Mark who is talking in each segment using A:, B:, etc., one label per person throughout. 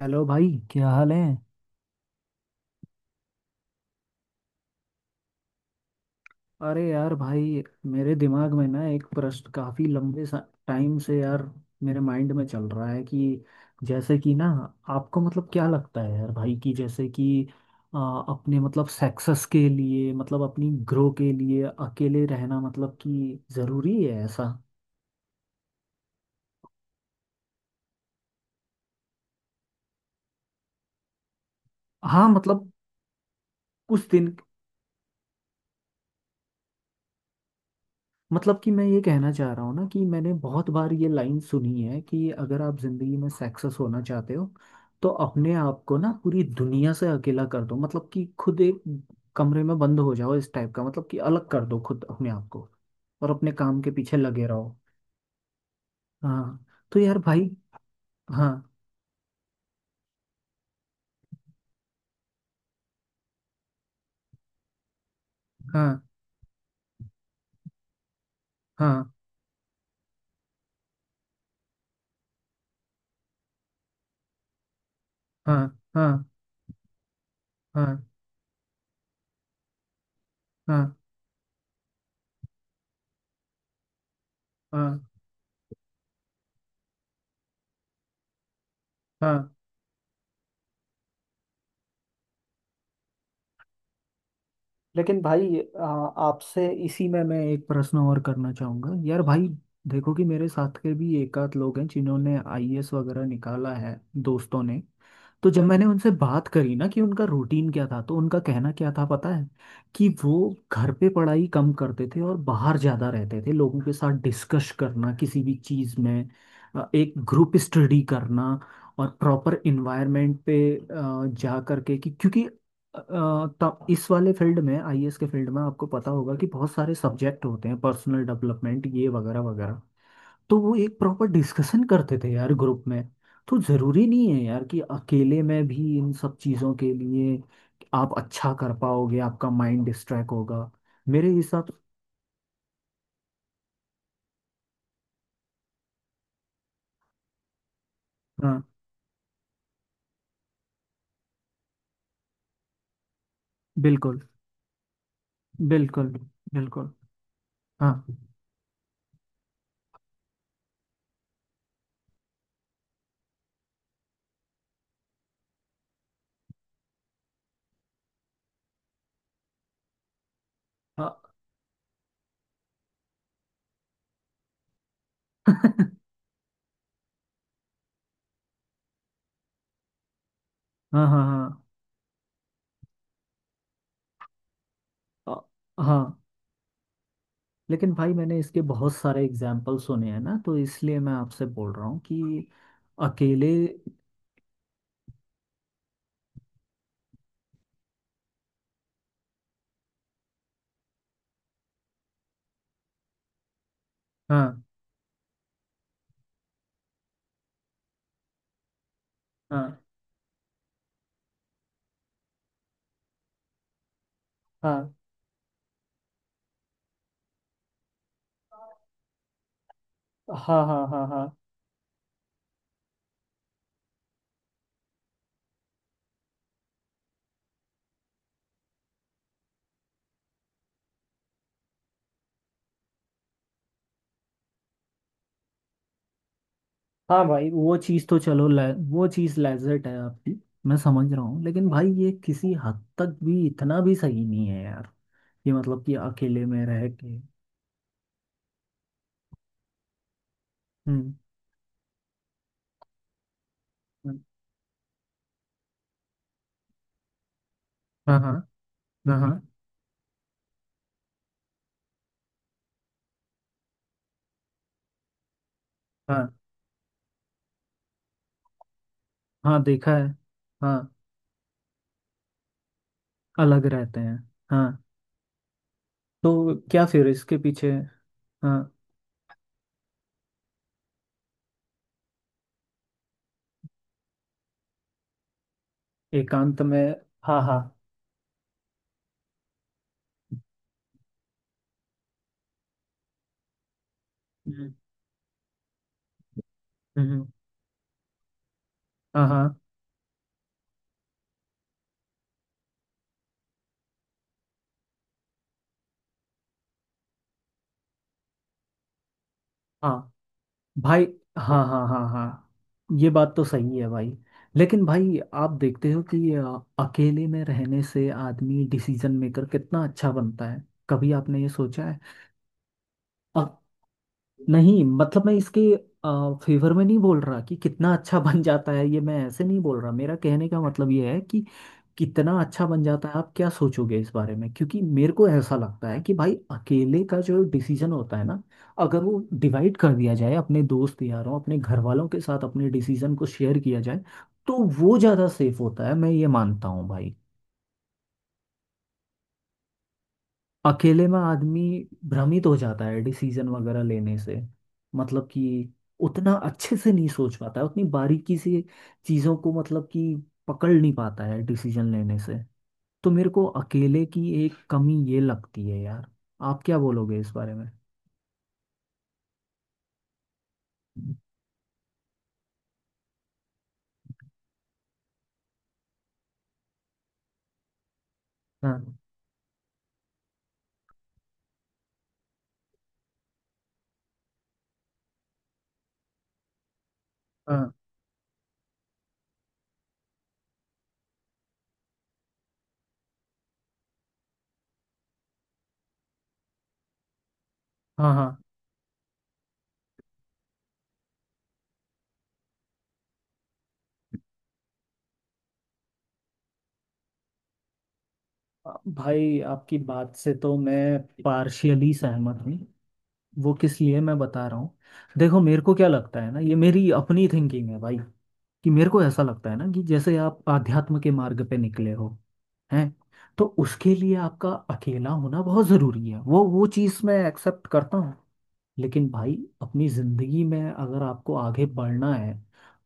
A: Hello भाई, क्या हाल है। अरे यार भाई, मेरे दिमाग में ना एक प्रश्न काफी लंबे टाइम से यार, मेरे माइंड में चल रहा है कि जैसे कि ना, आपको मतलब क्या लगता है यार भाई कि जैसे कि आ, अपने मतलब सक्सेस के लिए मतलब अपनी ग्रो के लिए अकेले रहना मतलब कि जरूरी है ऐसा। हाँ मतलब कुछ दिन, मतलब कि मैं ये कहना चाह रहा हूँ ना कि मैंने बहुत बार ये लाइन सुनी है कि अगर आप जिंदगी में सक्सेस होना चाहते हो तो अपने आप को ना पूरी दुनिया से अकेला कर दो, मतलब कि खुद एक कमरे में बंद हो जाओ इस टाइप का, मतलब कि अलग कर दो खुद अपने आप को, और अपने काम के पीछे लगे रहो। हाँ, तो यार भाई, हाँ हाँ हाँ हाँ हाँ हाँ हाँ हाँ हाँ। लेकिन भाई आपसे इसी में मैं एक प्रश्न और करना चाहूँगा यार भाई। देखो कि मेरे साथ के भी एक आध लोग हैं जिन्होंने आईएएस वगैरह निकाला है, दोस्तों ने। तो जब मैंने उनसे बात करी ना कि उनका रूटीन क्या था तो उनका कहना क्या था पता है कि वो घर पे पढ़ाई कम करते थे और बाहर ज़्यादा रहते थे, लोगों के साथ डिस्कस करना किसी भी चीज़ में, एक ग्रुप स्टडी करना और प्रॉपर इन्वायरमेंट पे जा करके कि क्योंकि तब इस वाले फील्ड में आईएएस के फील्ड में आपको पता होगा कि बहुत सारे सब्जेक्ट होते हैं, पर्सनल डेवलपमेंट ये वगैरह वगैरह। तो वो एक प्रॉपर डिस्कशन करते थे यार ग्रुप में। तो जरूरी नहीं है यार कि अकेले में भी इन सब चीजों के लिए आप अच्छा कर पाओगे, आपका माइंड डिस्ट्रैक्ट होगा। मेरे हिसाब। हाँ बिल्कुल बिल्कुल बिल्कुल। हाँ हाँ। हाँ हाँ हाँ। हाँ। लेकिन भाई मैंने इसके बहुत सारे एग्जाम्पल सुने हैं ना तो इसलिए मैं आपसे बोल रहा हूँ कि अकेले। हाँ हाँ हाँ हाँ हाँ हाँ हाँ हाँ भाई, वो चीज़ तो चलो वो चीज़ लेजर्ट है आपकी। मैं समझ रहा हूँ लेकिन भाई ये किसी हद तक भी इतना भी सही नहीं है यार, ये मतलब कि अकेले में रह के। हम्म हम्म, हाँ हाँ हाँ हाँ हाँ हाँ देखा है। हाँ अलग रहते हैं। हाँ, तो क्या फिर इसके पीछे हाँ एकांत में हाँ हाँ। हम्म हम्म, हाँ हाँ हाँ भाई, हाँ हाँ हाँ हाँ ये बात तो सही है भाई। लेकिन भाई आप देखते हो कि अकेले में रहने से आदमी डिसीजन मेकर कितना अच्छा बनता है, कभी आपने ये सोचा है। नहीं मतलब मैं इसके फेवर में नहीं बोल रहा कि कितना अच्छा बन जाता है, ये मैं ऐसे नहीं बोल रहा, मेरा कहने का मतलब ये है कि कितना अच्छा बन जाता है, आप क्या सोचोगे इस बारे में, क्योंकि मेरे को ऐसा लगता है कि भाई अकेले का जो डिसीजन होता है ना, अगर वो डिवाइड कर दिया जाए अपने दोस्त यारों अपने घर वालों के साथ अपने डिसीजन को शेयर किया जाए तो वो ज़्यादा सेफ होता है, मैं ये मानता हूँ भाई। अकेले में आदमी भ्रमित हो जाता है डिसीजन वगैरह लेने से, मतलब कि उतना अच्छे से नहीं सोच पाता है उतनी बारीकी से चीज़ों को, मतलब कि पकड़ नहीं पाता है डिसीजन लेने से। तो मेरे को अकेले की एक कमी ये लगती है यार, आप क्या बोलोगे इस बारे में। हाँ हाँ हाँ हाँ भाई, आपकी बात से तो मैं पार्शियली सहमत हूँ। वो किस लिए मैं बता रहा हूँ। देखो मेरे को क्या लगता है ना, ये मेरी अपनी थिंकिंग है भाई, कि मेरे को ऐसा लगता है ना कि जैसे आप आध्यात्म के मार्ग पे निकले हो, हैं, तो उसके लिए आपका अकेला होना बहुत ज़रूरी है, वो चीज़ मैं एक्सेप्ट करता हूँ। लेकिन भाई अपनी जिंदगी में अगर आपको आगे बढ़ना है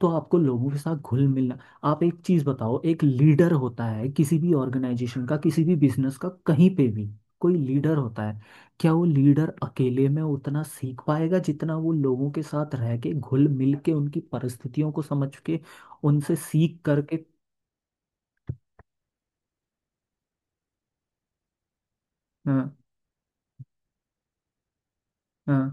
A: तो आपको लोगों के साथ घुल मिलना। आप एक चीज बताओ, एक लीडर होता है किसी भी ऑर्गेनाइजेशन का किसी भी बिजनेस का कहीं पे भी, कोई लीडर होता है, क्या वो लीडर अकेले में उतना सीख पाएगा जितना वो लोगों के साथ रह के घुल मिल के उनकी परिस्थितियों को समझ के उनसे सीख करके। हाँ हाँ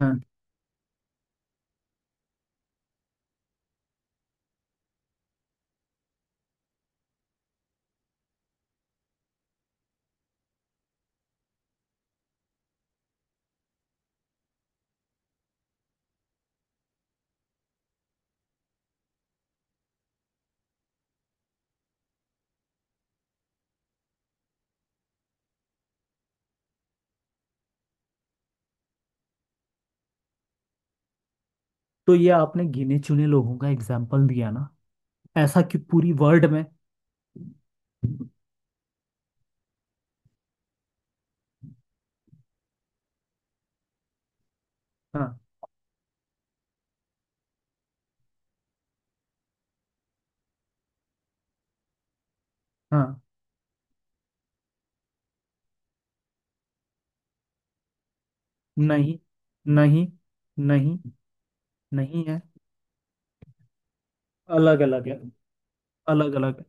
A: हाँ। तो ये आपने गिने चुने लोगों का एग्जाम्पल दिया ना, ऐसा कि पूरी वर्ल्ड में हाँ हाँ। नहीं नहीं नहीं। नहीं है। अलग अलग है। अलग अलग है।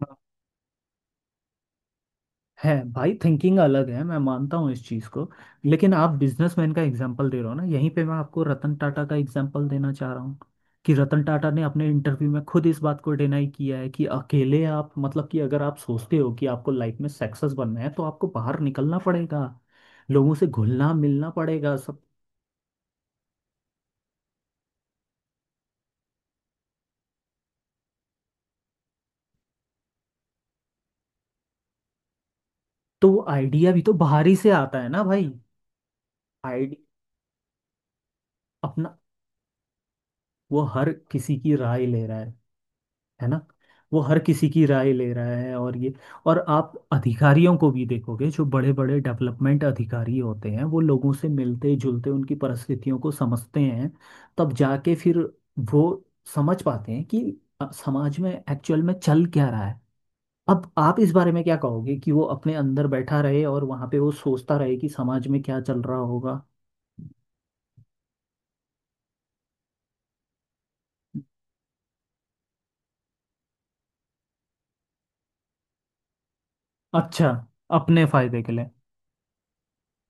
A: हाँ, है भाई थिंकिंग अलग है, मैं मानता हूँ इस चीज़ को। लेकिन आप बिजनेसमैन का एग्जांपल दे रहे हो ना, यहीं पे मैं आपको रतन टाटा का एग्जांपल देना चाह रहा हूँ कि रतन टाटा ने अपने इंटरव्यू में खुद इस बात को डिनाई किया है कि अकेले आप मतलब कि अगर आप सोचते हो कि आपको लाइफ में सक्सेस बनना है तो आपको बाहर निकलना पड़ेगा, लोगों से घुलना मिलना पड़ेगा सब। तो वो आइडिया भी तो बाहर ही से आता है ना भाई। आइडिया। अपना, वो हर किसी की राय ले रहा है ना। वो हर किसी की राय ले रहा है। और ये, और आप अधिकारियों को भी देखोगे जो बड़े बड़े डेवलपमेंट अधिकारी होते हैं वो लोगों से मिलते जुलते उनकी परिस्थितियों को समझते हैं, तब जाके फिर वो समझ पाते हैं कि समाज में एक्चुअल में चल क्या रहा है। अब आप इस बारे में क्या कहोगे कि वो अपने अंदर बैठा रहे और वहां पे वो सोचता रहे कि समाज में क्या चल रहा होगा। अच्छा, अपने फायदे के लिए।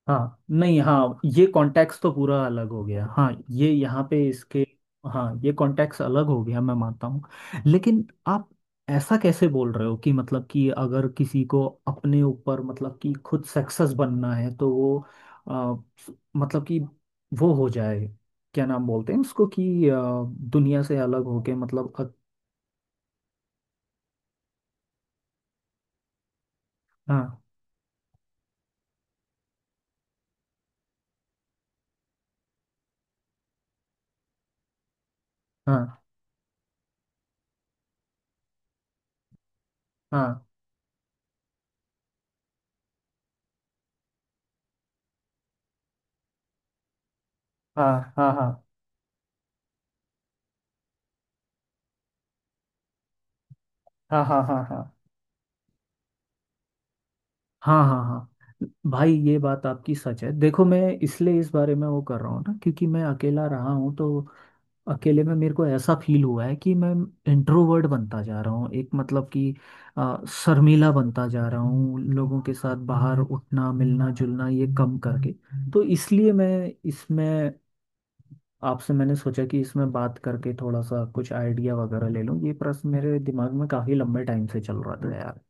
A: हाँ नहीं हाँ, ये कॉन्टेक्स्ट तो पूरा अलग हो गया, हाँ ये यहाँ पे इसके हाँ, ये कॉन्टेक्स्ट अलग हो गया मैं मानता हूँ। लेकिन आप ऐसा कैसे बोल रहे हो कि मतलब कि अगर किसी को अपने ऊपर मतलब कि खुद सक्सेस बनना है तो वो आ, मतलब कि वो हो जाए, क्या नाम बोलते हैं उसको कि दुनिया से अलग होके मतलब हाँ हाँ हाँ हाँ हाँ हाँ हाँ हाँ हाँ हाँ हाँ हाँ हाँ हाँ भाई ये बात आपकी सच है। देखो मैं इसलिए इस बारे में वो कर रहा हूँ ना क्योंकि मैं अकेला रहा हूँ तो अकेले में मेरे को ऐसा फील हुआ है कि मैं इंट्रोवर्ट बनता जा रहा हूँ एक मतलब कि शर्मीला बनता जा रहा हूँ, लोगों के साथ बाहर उठना मिलना जुलना ये कम करके। तो इसलिए मैं इसमें आपसे मैंने सोचा कि इसमें बात करके थोड़ा सा कुछ आइडिया वगैरह ले लूँ, ये प्रश्न मेरे दिमाग में काफ़ी लंबे टाइम से चल रहा था यार।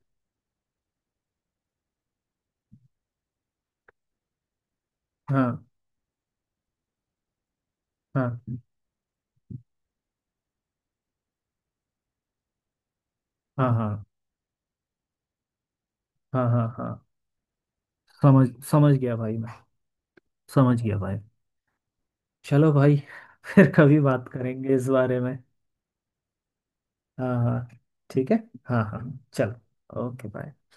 A: हाँ हाँ हाँ हाँ हाँ हाँ हाँ। समझ समझ गया भाई मैं, समझ गया भाई। चलो भाई, फिर कभी बात करेंगे इस बारे में। हाँ हाँ, ठीक है, हाँ हाँ। चलो ओके बाय।